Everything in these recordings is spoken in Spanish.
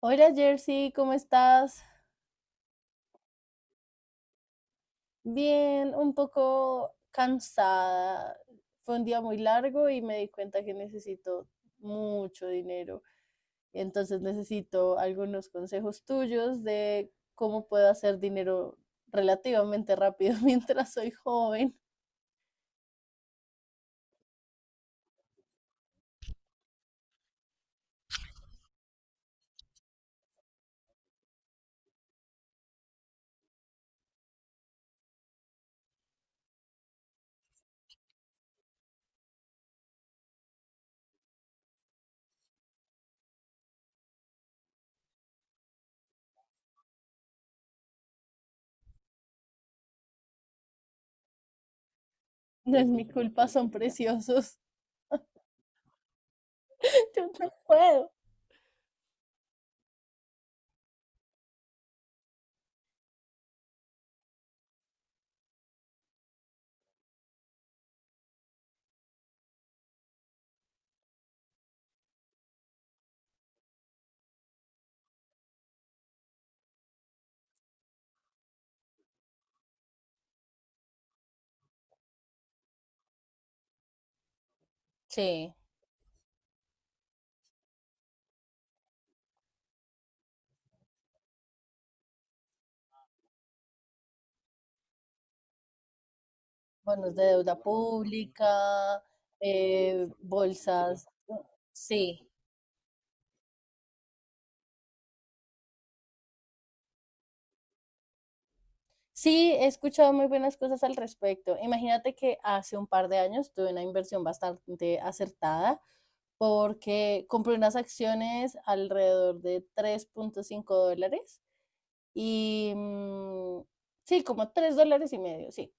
Hola Jersey, ¿cómo estás? Bien, un poco cansada. Fue un día muy largo y me di cuenta que necesito mucho dinero. Entonces necesito algunos consejos tuyos de cómo puedo hacer dinero relativamente rápido mientras soy joven. No es mi culpa, son preciosos. Yo no puedo. Sí, bonos de deuda pública, bolsas. Sí, sí, he escuchado muy buenas cosas al respecto. Imagínate que hace un par de años tuve una inversión bastante acertada porque compré unas acciones alrededor de 3,5 dólares y sí, como 3,5 dólares, sí,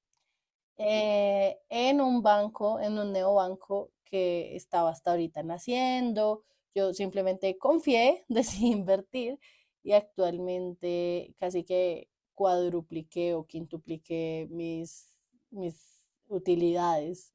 en un banco, en un neobanco que estaba hasta ahorita naciendo. Yo simplemente confié, decidí invertir y actualmente casi que cuadrupliqué o quintupliqué mis utilidades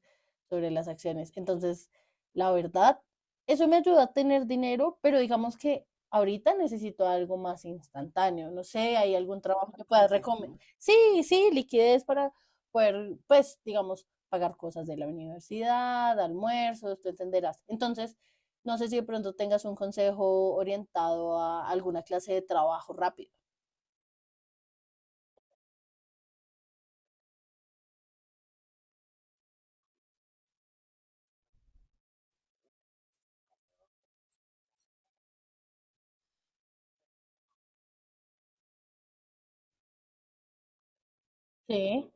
sobre las acciones. Entonces, la verdad, eso me ayuda a tener dinero, pero digamos que ahorita necesito algo más instantáneo. No sé, ¿hay algún trabajo que puedas recomendar? Sí, sí, liquidez para poder, pues, digamos, pagar cosas de la universidad, almuerzos, tú entenderás. Entonces, no sé si de pronto tengas un consejo orientado a alguna clase de trabajo rápido. Sí.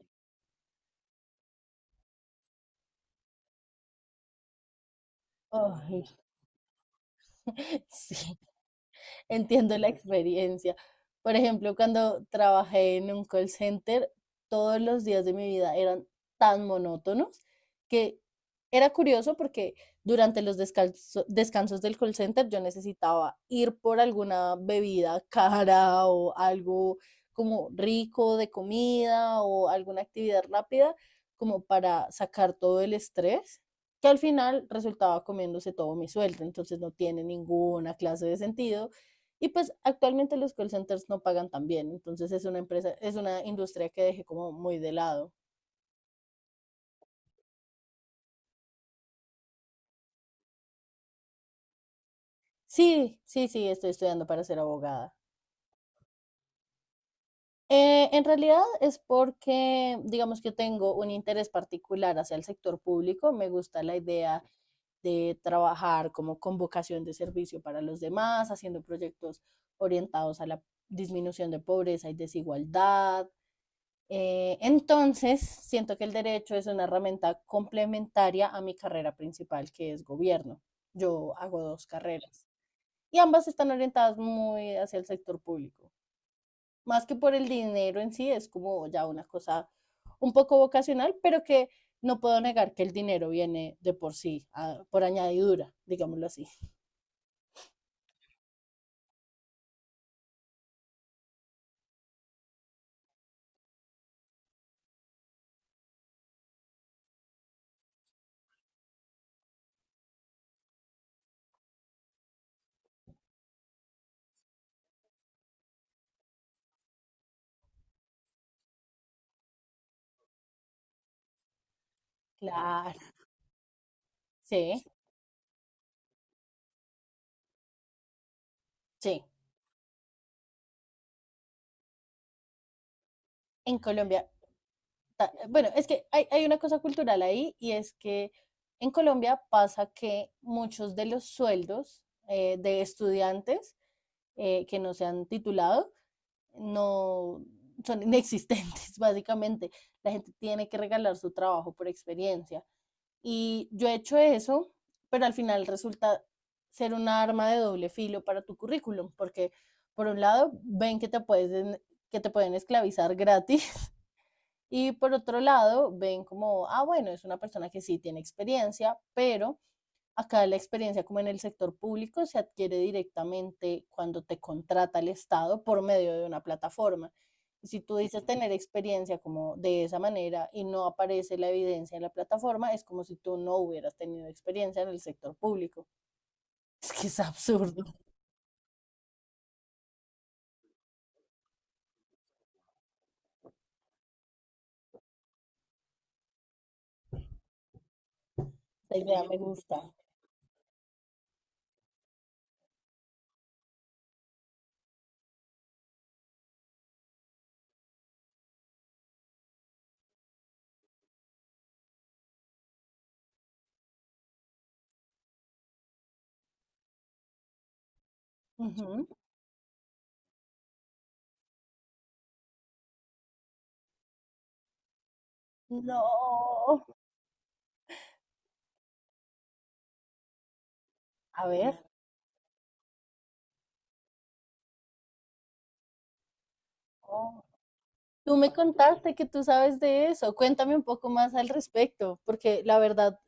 Ay, sí. Entiendo la experiencia. Por ejemplo, cuando trabajé en un call center, todos los días de mi vida eran tan monótonos que era curioso porque durante los descansos del call center yo necesitaba ir por alguna bebida cara o algo como rico de comida o alguna actividad rápida como para sacar todo el estrés, que al final resultaba comiéndose todo mi sueldo. Entonces no tiene ninguna clase de sentido y pues actualmente los call centers no pagan tan bien, entonces es una empresa, es una industria que dejé como muy de lado. Sí, sí, sí, estoy estudiando para ser abogada. En realidad es porque, digamos que tengo un interés particular hacia el sector público, me gusta la idea de trabajar como con vocación de servicio para los demás, haciendo proyectos orientados a la disminución de pobreza y desigualdad. Entonces, siento que el derecho es una herramienta complementaria a mi carrera principal, que es gobierno. Yo hago dos carreras y ambas están orientadas muy hacia el sector público. Más que por el dinero en sí, es como ya una cosa un poco vocacional, pero que no puedo negar que el dinero viene de por sí, a, por añadidura, digámoslo así. Claro, sí, sí. En Colombia, bueno, es que hay una cosa cultural ahí, y es que en Colombia pasa que muchos de los sueldos, de estudiantes, que no se han titulado, no son inexistentes, básicamente. La gente tiene que regalar su trabajo por experiencia. Y yo he hecho eso, pero al final resulta ser una arma de doble filo para tu currículum, porque por un lado ven que te pueden esclavizar gratis y por otro lado ven como, ah, bueno, es una persona que sí tiene experiencia, pero acá la experiencia, como en el sector público, se adquiere directamente cuando te contrata el Estado por medio de una plataforma. Y si tú dices tener experiencia como de esa manera y no aparece la evidencia en la plataforma, es como si tú no hubieras tenido experiencia en el sector público. Es que es absurdo. La idea me gusta. Ujú. No. A ver. Tú me contaste que tú sabes de eso. Cuéntame un poco más al respecto, porque la verdad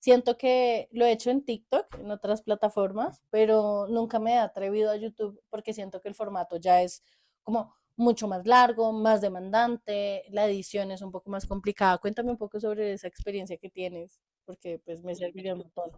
siento que lo he hecho en TikTok, en otras plataformas, pero nunca me he atrevido a YouTube porque siento que el formato ya es como mucho más largo, más demandante, la edición es un poco más complicada. Cuéntame un poco sobre esa experiencia que tienes, porque pues me serviría un montón.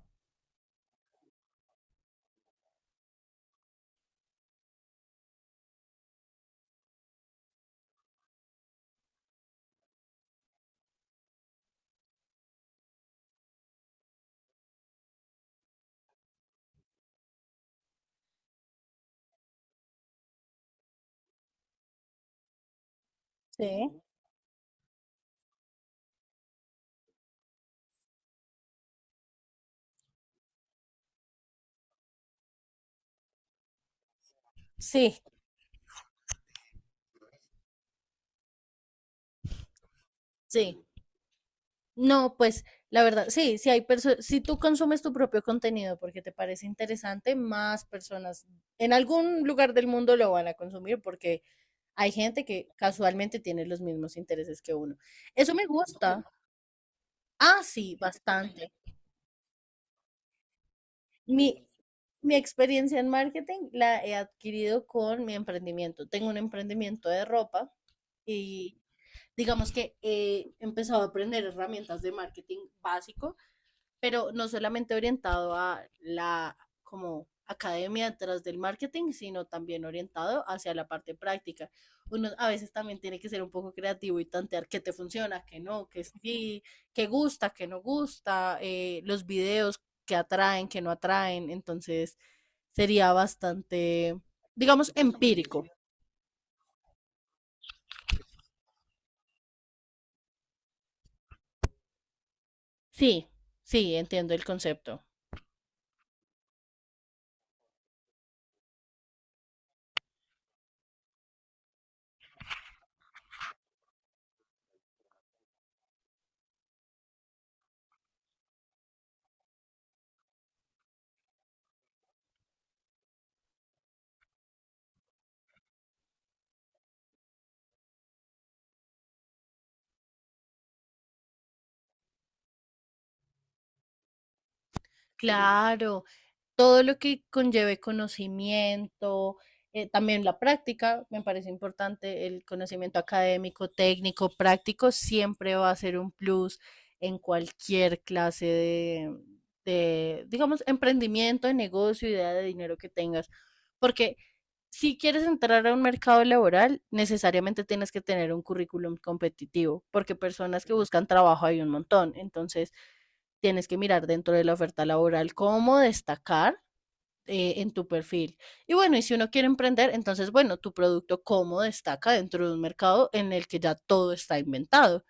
Sí, sí, sí. No, pues la verdad, sí, si tú consumes tu propio contenido porque te parece interesante, más personas en algún lugar del mundo lo van a consumir porque hay gente que casualmente tiene los mismos intereses que uno. Eso me gusta. Ah, sí, bastante. Mi, mi experiencia en marketing la he adquirido con mi emprendimiento. Tengo un emprendimiento de ropa y digamos que he empezado a aprender herramientas de marketing básico, pero no solamente orientado a la como academia detrás del marketing, sino también orientado hacia la parte práctica. Uno a veces también tiene que ser un poco creativo y tantear qué te funciona, qué no, qué sí, qué gusta, qué no gusta, los videos que atraen, que no atraen. Entonces sería bastante, digamos, empírico. Sí, sí, entiendo el concepto. Claro, todo lo que conlleve conocimiento, también la práctica, me parece importante, el conocimiento académico, técnico, práctico, siempre va a ser un plus en cualquier clase de, digamos, emprendimiento, de negocio, idea de dinero que tengas. Porque si quieres entrar a un mercado laboral, necesariamente tienes que tener un currículum competitivo, porque personas que buscan trabajo hay un montón. Entonces, tienes que mirar dentro de la oferta laboral cómo destacar, en tu perfil. Y bueno, y si uno quiere emprender, entonces, bueno, tu producto cómo destaca dentro de un mercado en el que ya todo está inventado.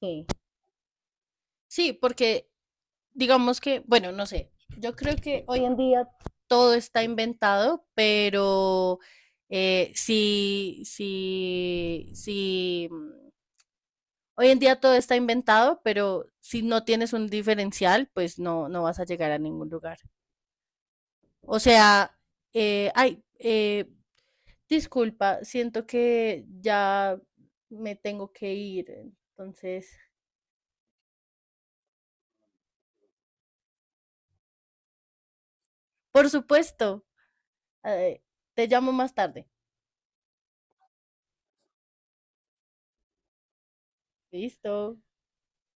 Sí. Sí, porque digamos que, bueno, no sé, yo creo que hoy en día todo está inventado, pero sí sí si, mm, hoy en día todo está inventado, pero si no tienes un diferencial, pues no, no vas a llegar a ningún lugar. O sea, eh, ay, eh, disculpa, siento que ya me tengo que ir. Entonces, por supuesto, eh, te llamo más tarde. Listo.